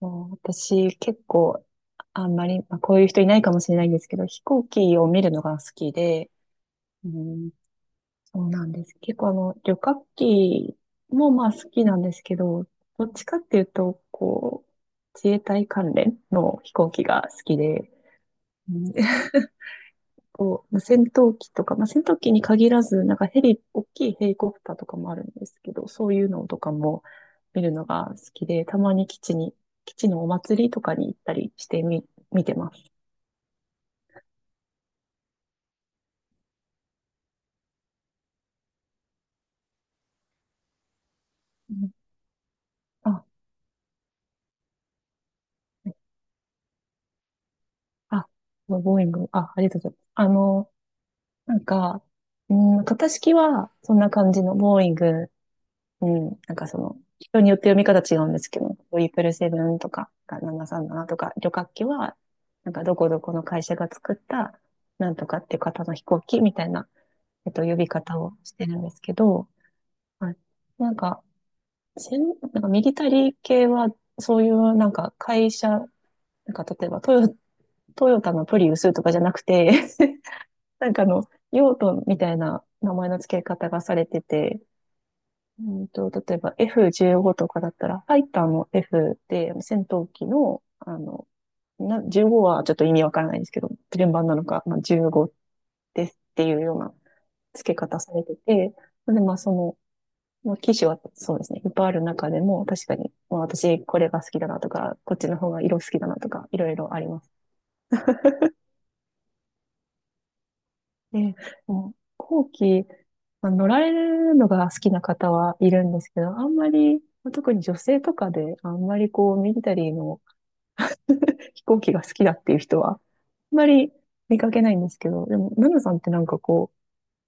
もう私、結構、あんまり、まあ、こういう人いないかもしれないんですけど、飛行機を見るのが好きで、うん、そうなんです。結構旅客機もまあ好きなんですけど、どっちかっていうと、こう、自衛隊関連の飛行機が好きで、うん、こう、まあ戦闘機とか、まあ、戦闘機に限らず、なんかヘリ、大きいヘリコプターとかもあるんですけど、そういうのとかも見るのが好きで、たまに基地に、基地のお祭りとかに行ったりしてみ、見てます。うん、あ、はい。あ、ボーイング、あ、ありがとうございます。なんか、うん、型式はそんな感じのボーイング。うん。なんかその、人によって読み方違うんですけど、トリプルセブンとか、737とか、旅客機は、なんかどこどこの会社が作った、なんとかっていう方の飛行機みたいな、呼び方をしてるんですけど、はい。なんか、せん、なんかミリタリー系は、そういうなんか会社、なんか例えばトヨタのプリウスとかじゃなくて なんか用途みたいな名前の付け方がされてて、うんと、例えば F15 とかだったら、ファイターの F で、戦闘機の、15はちょっと意味わからないんですけど、連番なのか、まあ、15ですっていうような付け方されてて、で、まあその、まあ、機種はそうですね、いっぱいある中でも、確かに、まあ私これが好きだなとか、こっちの方が色好きだなとか、いろいろあります。で、もう後期、まあ、乗られるのが好きな方はいるんですけど、あんまり、まあ特に女性とかで、あんまりこう、ミリタリーの飛行機が好きだっていう人は、あんまり見かけないんですけど、でも、ナナさんってなんかこ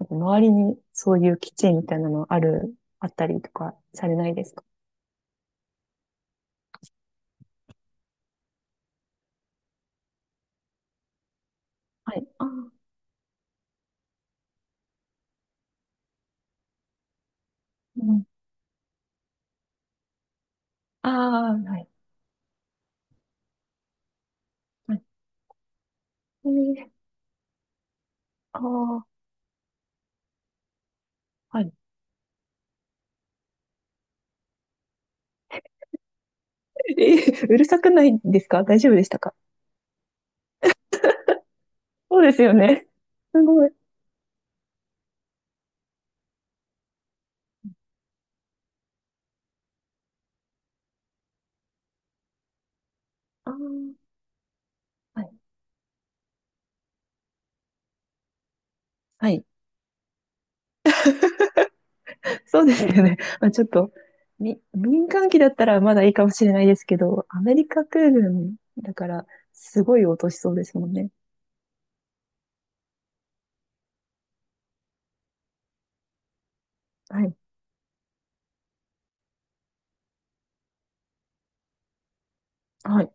う、なんか周りにそういう基地みたいなのある、あったりとかされないですか？はい。ああ、うん。ああ、はい。はい。えー、ああ、はい。えー、うるさくないですか？大丈夫でしたか？そうですよね。すごい。ああ、はい。はい。そうですよね。まあ、ちょっと、民間機だったらまだいいかもしれないですけど、アメリカ空軍だから、すごい落としそうですもんね。はい。はい。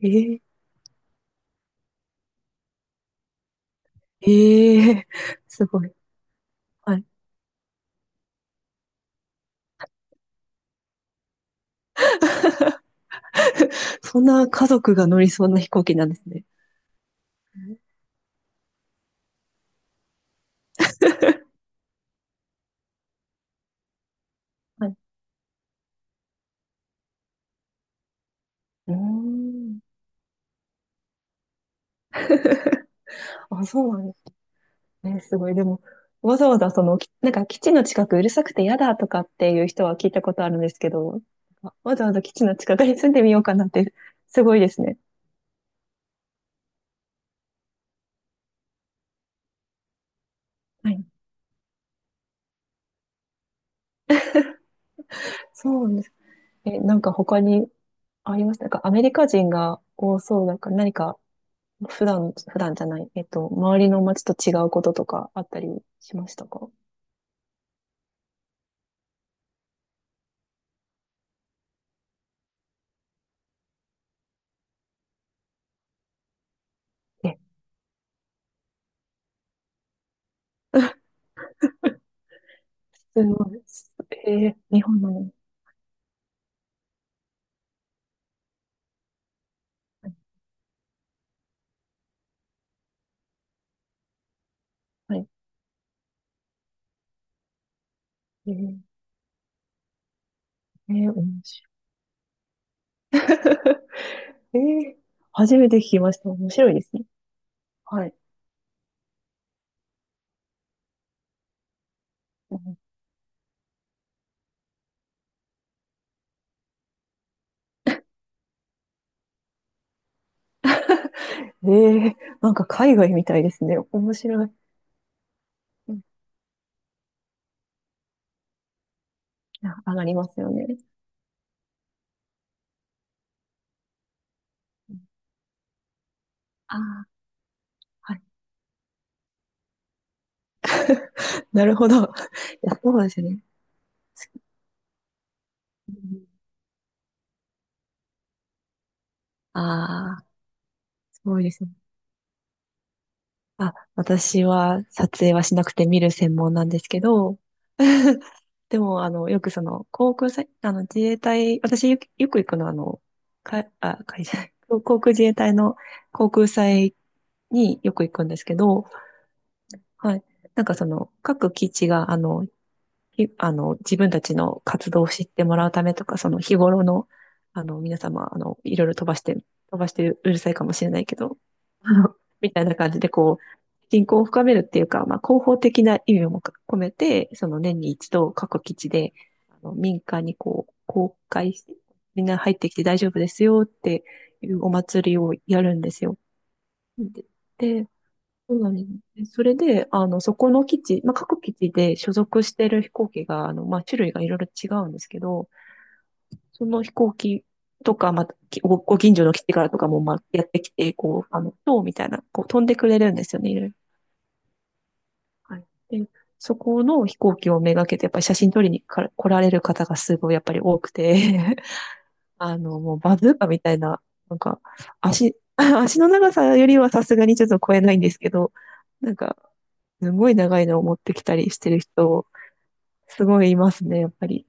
あ、え、ええ、え、すごい。はい。そんな家族が乗りそうな飛行機なんですね。はい。うーん。あ、そうなんですね、すごい。でも、わざわざその、なんか基地の近くうるさくて嫌だとかっていう人は聞いたことあるんですけど、わざわざ基地の近くに住んでみようかなって、すごいですね。はい。そうなんです。え、なんか他にありましたか？アメリカ人が多そうだから、何か普段じゃない、周りの街と違うこととかあったりしましたか？え、すごい。えー、日本なのに。はい。えー、えー、面白い。えー、初めて聞きました。面白いですね。はい。うん。えー、なんか海外みたいですね。面白い。うん、あ、上がりますよね。うん、あー、はい。なるほど。いや、そうですね。うん、ああ、すごいですね。あ、私は撮影はしなくて見る専門なんですけど、でも、あの、よくその、航空祭、あの、自衛隊、私よく、よく行くのは、あの、か、あ、会社、航空自衛隊の航空祭によく行くんですけど、はい。なんかその、各基地が、あの、あの、自分たちの活動を知ってもらうためとか、その日頃の、あの、皆様、あの、いろいろ飛ばして、飛ばしてうるさいかもしれないけど、あのみたいな感じで、こう、人口を深めるっていうか、まあ、広報的な意味も込めて、その年に一度各基地で、あの民間にこう、公開して、みんな入ってきて大丈夫ですよっていうお祭りをやるんですよ。で、で、そうなんですね。それで、あの、そこの基地、まあ、各基地で所属してる飛行機が、あの、まあ、種類がいろいろ違うんですけど、その飛行機とか、まあ、ご近所の基地からとかも、まあ、やってきて、こう、あの、塔みたいな、こう、飛んでくれるんですよね、いろいろ。はい。で、そこの飛行機をめがけて、やっぱり写真撮りに来られる方がすごい、やっぱり多くて、あの、もうバズーカみたいな、なんか、足の長さよりはさすがにちょっと超えないんですけど、なんか、すごい長いのを持ってきたりしてる人、すごいいますね、やっぱり。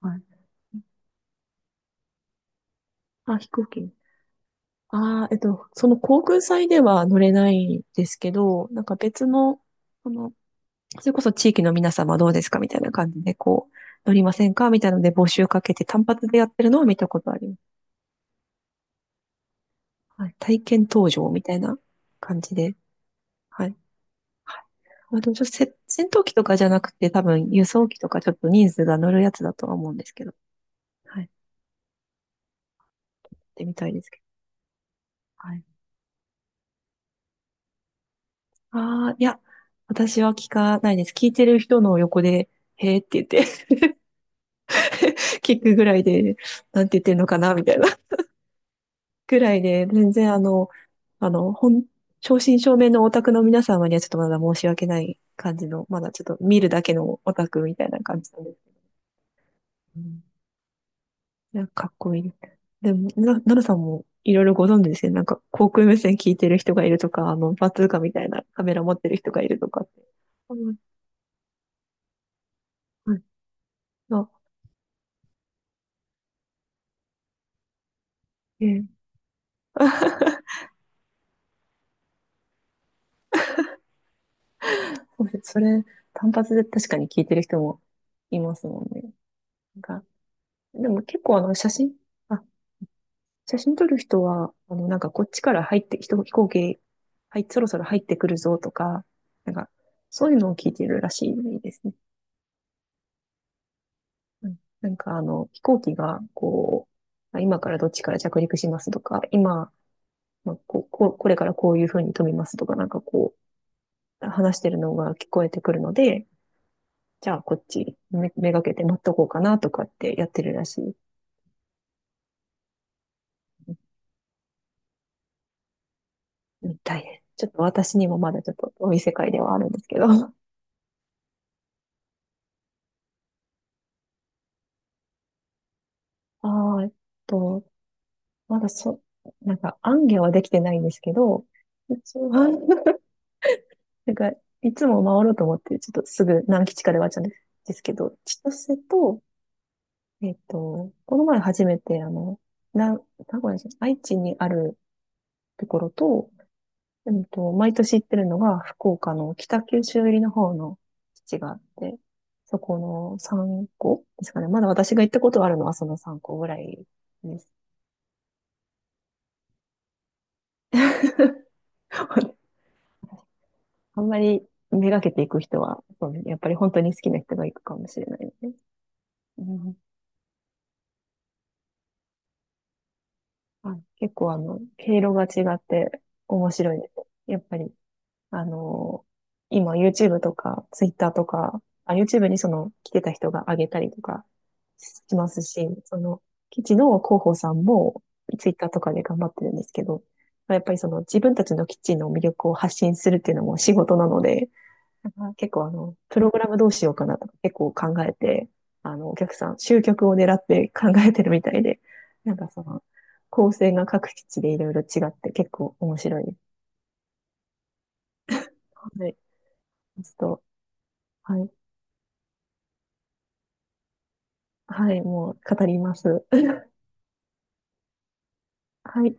はい。あ、飛行機。ああ、えっと、その航空祭では乗れないですけど、なんか別の、その、それこそ地域の皆様どうですかみたいな感じで、こう、乗りませんかみたいなので募集かけて単発でやってるのを見たことあります。はい。体験搭乗みたいな感じで。はい。まあ、でもちょっと戦闘機とかじゃなくて、多分輸送機とかちょっと人数が乗るやつだとは思うんですけど。はい。行ってみたいですけど。はい。ああ、いや、私は聞かないです。聞いてる人の横で、へーって言って 聞くぐらいで、なんて言ってんのかな、みたいなぐらいで、全然あの、あの、本、正真正銘のオタクの皆様にはちょっとまだ申し訳ない感じの、まだちょっと見るだけのオタクみたいな感じなんです。うん、いや、かっこいい。でも、なるさんもいろいろご存知ですね。なんか、航空無線聞いてる人がいるとか、あの、バズーカみたいなカメラ持ってる人がいるとかって。うん、はい。あ、ええ、 そうです、それ、単発で確かに聞いてる人もいますもんね。なんか、でも結構あの、あ、写真撮る人は、あの、なんかこっちから入って、飛行機、はい、そろそろ入ってくるぞとか、なんか、そういうのを聞いてるらしいですね。うん、なんかあの、飛行機が、こう、あ、今からどっちから着陸しますとか、今、まあ、こう、これからこういうふうに飛びますとか、なんかこう、話してるのが聞こえてくるので、じゃあこっちめがけて待っとこうかなとかってやってるらしい。うん、大変。ちょっと私にもまだちょっとお店会ではあるんですけど。ああ、えっと、まだそ、なんか、行脚はできてないんですけど、一応は なんか、いつも回ろうと思って、ちょっとすぐ何基地かで終わっちゃうんですけど、千歳と、えっと、この前初めて、あの、な、名古屋じゃない愛知にあるところと、うんと、毎年行ってるのが、福岡の北九州入りの方の基地があって、そこの3校ですかね。まだ私が行ったことあるのはその3校ぐらいです。あんまりめがけていく人は、そうねやっぱり本当に好きな人が行くかもしれないね。うん、はい、結構あの、経路が違って面白いです。やっぱりあの、今 YouTube とか Twitter とか、あ、YouTube にその来てた人が上げたりとかしますし、その、チ事の広報さんも Twitter とかで頑張ってるんですけど、まあやっぱりその自分たちの基地の魅力を発信するっていうのも仕事なので、なんか結構あの、プログラムどうしようかなとか結構考えて、あの、お客さん、集客を狙って考えてるみたいで、なんかその、構成が各基地でいろいろ違って結構面白いです。はい。ちょっと、はい。はい、もう語ります。はい。